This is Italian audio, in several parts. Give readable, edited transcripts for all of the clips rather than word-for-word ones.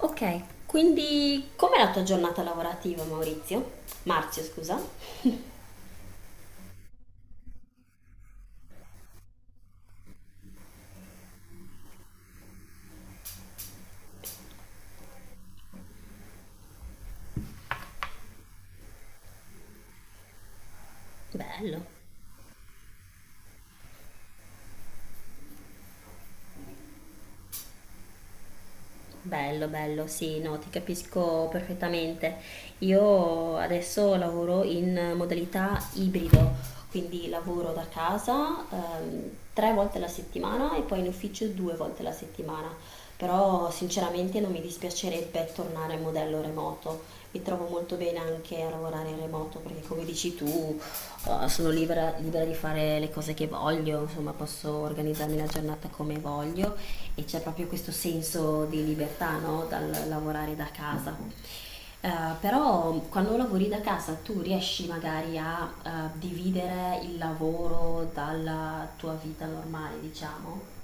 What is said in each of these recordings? Ok, quindi com'è la tua giornata lavorativa, Maurizio? Marzio, scusa. Bello. Bello, bello, sì, no, ti capisco perfettamente. Io adesso lavoro in modalità ibrido, quindi lavoro da casa tre volte la settimana e poi in ufficio due volte la settimana. Però sinceramente non mi dispiacerebbe tornare al modello remoto. Mi trovo molto bene anche a lavorare in remoto perché come dici tu, sono libera, libera di fare le cose che voglio, insomma posso organizzarmi la giornata come voglio e c'è proprio questo senso di libertà, no? Dal lavorare da casa. Eh, però quando lavori da casa tu riesci magari a dividere il lavoro dalla tua vita normale, diciamo?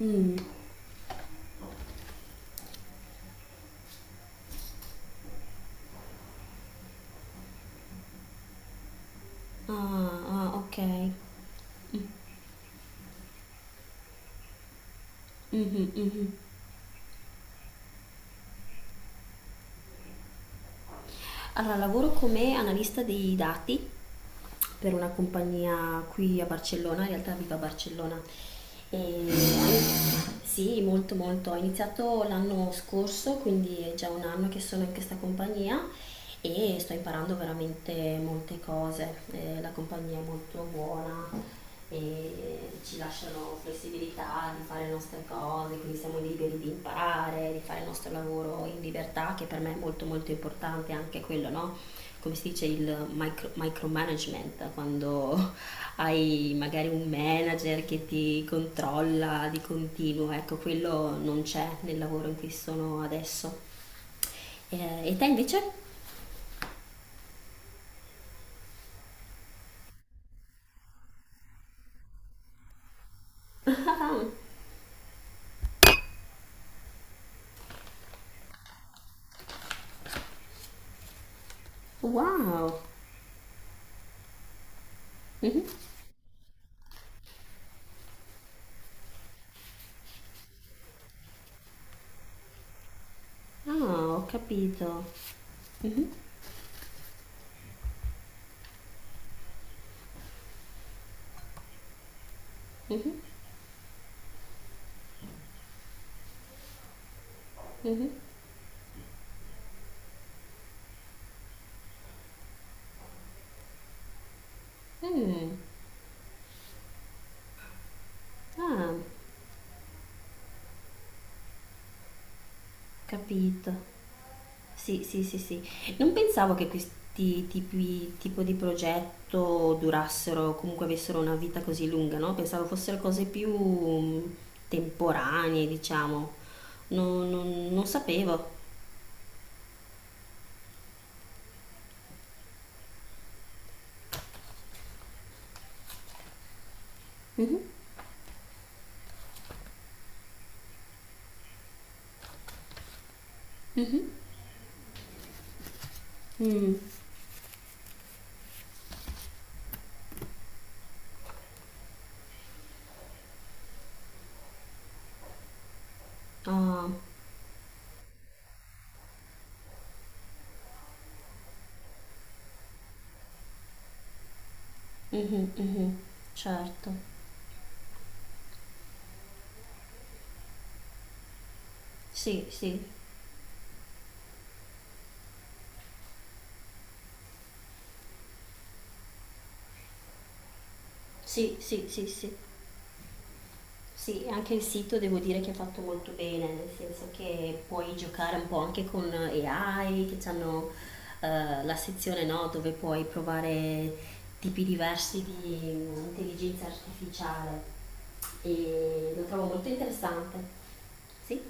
Mm. Ah, ah, ok. Mhm, mhm. Allora, lavoro come analista dei dati per una compagnia qui a Barcellona, in realtà vivo a Barcellona. E sì, molto. Ho iniziato l'anno scorso, quindi è già un anno che sono in questa compagnia e sto imparando veramente molte cose. La compagnia è molto buona, e ci lasciano flessibilità di fare le nostre cose, quindi siamo liberi di imparare, di fare il nostro lavoro in libertà, che per me è molto molto importante anche quello, no? Come si dice il micromanagement, quando hai magari un manager che ti controlla di continuo, ecco, quello non c'è nel lavoro in cui sono adesso. E te invece? Wow! Mhm. Ah, ho capito. Mhm. Mm. Ah. Capito. Sì, sì, sì, sì. Non pensavo che tipo di progetto durassero, comunque avessero una vita così lunga, no? Pensavo fossero cose più temporanee, diciamo. Non sapevo. Mhm, mhm. Mm, ah, mhm, mhm. Certo. Sì, sì, sì, sì, sì, sì. Sì, anche il sito devo dire che è fatto molto bene, nel senso che puoi giocare un po' anche con AI, che hanno la sezione no, dove puoi provare tipi diversi di intelligenza artificiale e lo trovo molto interessante. Sì?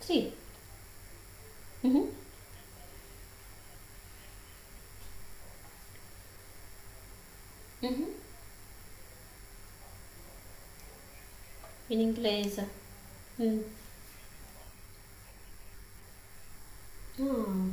Sì. Mhm, mhm. In inglese. Mm. Ah.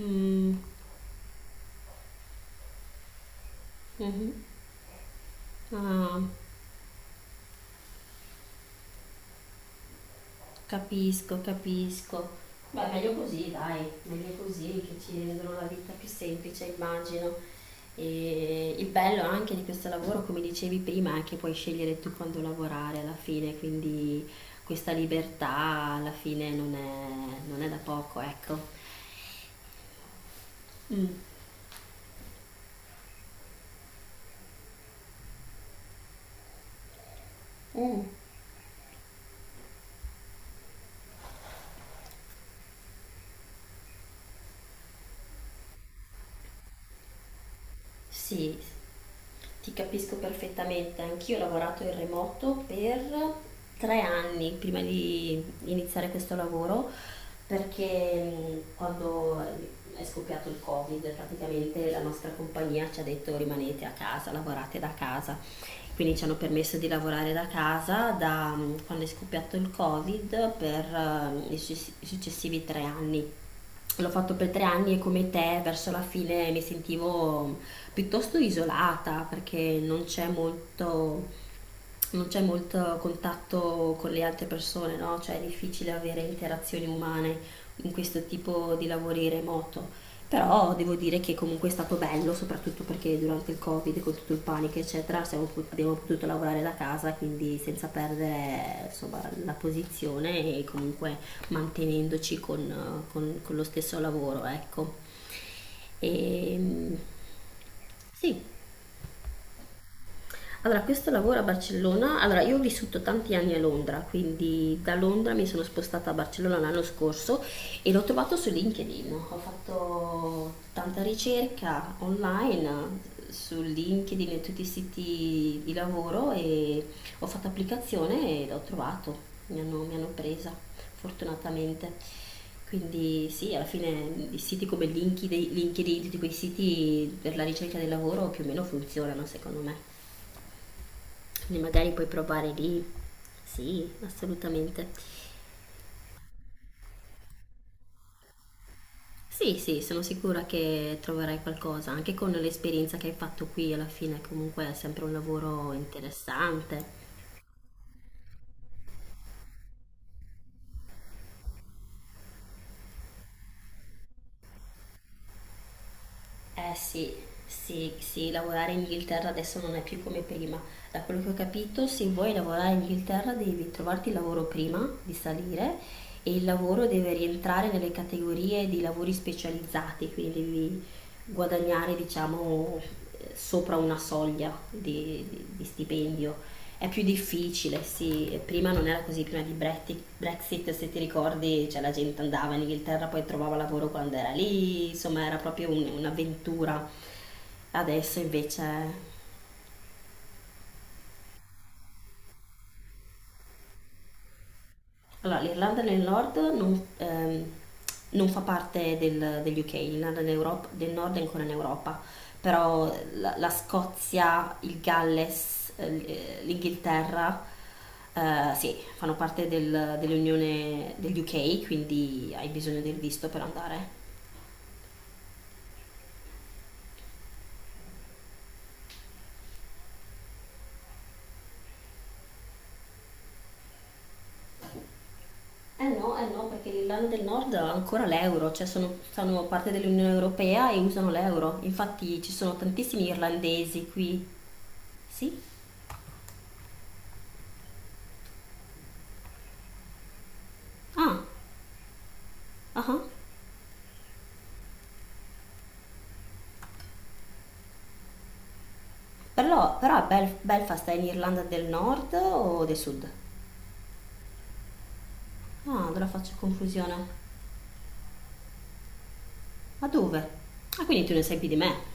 Mm, mhm. Ah. Capisco, capisco. Beh, meglio così, dai, meglio così che ci rendono la vita più semplice, immagino. E il bello anche di questo lavoro, come dicevi prima, è che puoi scegliere tu quando lavorare alla fine, quindi questa libertà alla fine non è da poco, ecco. Mm. Mm, sì, ti capisco perfettamente. Anch'io ho lavorato in remoto per tre anni prima di iniziare questo lavoro perché quando è scoppiato il Covid, praticamente la nostra compagnia ci ha detto rimanete a casa, lavorate da casa. Quindi ci hanno permesso di lavorare da casa da quando è scoppiato il Covid per i successivi tre anni. L'ho fatto per tre anni e come te verso la fine mi sentivo piuttosto isolata perché non c'è molto contatto con le altre persone, no? Cioè è difficile avere interazioni umane in questo tipo di lavori remoto. Però devo dire che comunque è stato bello, soprattutto perché durante il Covid, con tutto il panico, eccetera, abbiamo potuto lavorare da casa, quindi senza perdere insomma, la posizione e comunque mantenendoci con, con lo stesso lavoro, ecco. E, sì, allora, questo lavoro a Barcellona, allora io ho vissuto tanti anni a Londra, quindi da Londra mi sono spostata a Barcellona l'anno scorso e l'ho trovato su LinkedIn. Ho fatto tanta ricerca online su LinkedIn e tutti i siti di lavoro e ho fatto applicazione e l'ho trovato, mi hanno presa fortunatamente. Quindi sì, alla fine i siti come LinkedIn, tutti quei siti per la ricerca del lavoro più o meno funzionano secondo me. Quindi magari puoi provare lì. Sì, assolutamente. Sì, sì, sono sicura che troverai qualcosa, anche con l'esperienza che hai fatto qui alla fine, comunque è sempre un lavoro interessante. Eh sì, sì, sì, lavorare in Inghilterra adesso non è più come prima. Da quello che ho capito, se vuoi lavorare in Inghilterra devi trovarti il lavoro prima di salire e il lavoro deve rientrare nelle categorie di lavori specializzati, quindi devi guadagnare, diciamo, sopra una soglia di stipendio. È più difficile, sì. E prima non era così, prima di Brexit, se ti ricordi, cioè, la gente andava in Inghilterra, poi trovava lavoro quando era lì, insomma era proprio un'avventura. Adesso invece allora, l'Irlanda del Nord non fa parte degli UK, l'Irlanda del Nord è ancora in Europa, però la Scozia, il Galles, l'Inghilterra, sì, fanno parte dell'Unione degli UK, quindi hai bisogno del visto per andare. No, eh no, perché l'Irlanda del Nord ha ancora l'euro, cioè sono, fanno parte dell'Unione Europea e usano l'euro. Infatti ci sono tantissimi irlandesi qui. Sì? Ah, ah, ah. Però, però a Belfast è in Irlanda del Nord o del Sud? Ah, allora faccio confusione. Ma dove? Ah, quindi tu ne sai più di me.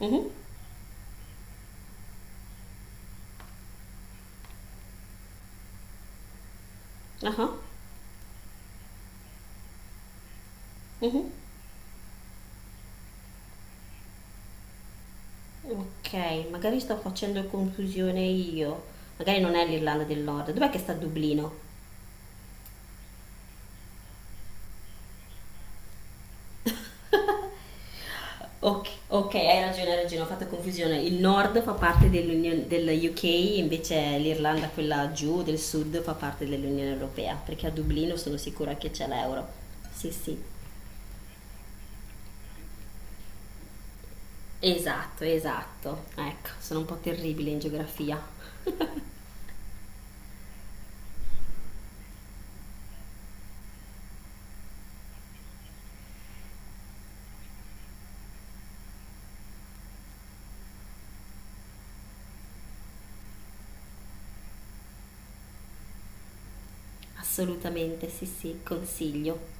Mhm, aha, mhm. Ok, magari sto facendo confusione io. Magari non è l'Irlanda del Nord. Dov'è che sta Dublino? Ok, ok, hai ragione, ho fatto confusione. Il nord fa parte dell'Unione del UK, invece l'Irlanda, quella giù del sud, fa parte dell'Unione Europea, perché a Dublino sono sicura che c'è l'euro. Sì, sì. Esatto, esatto. Ecco, sono un po' terribile in geografia. Assolutamente, sì, sì, consiglio.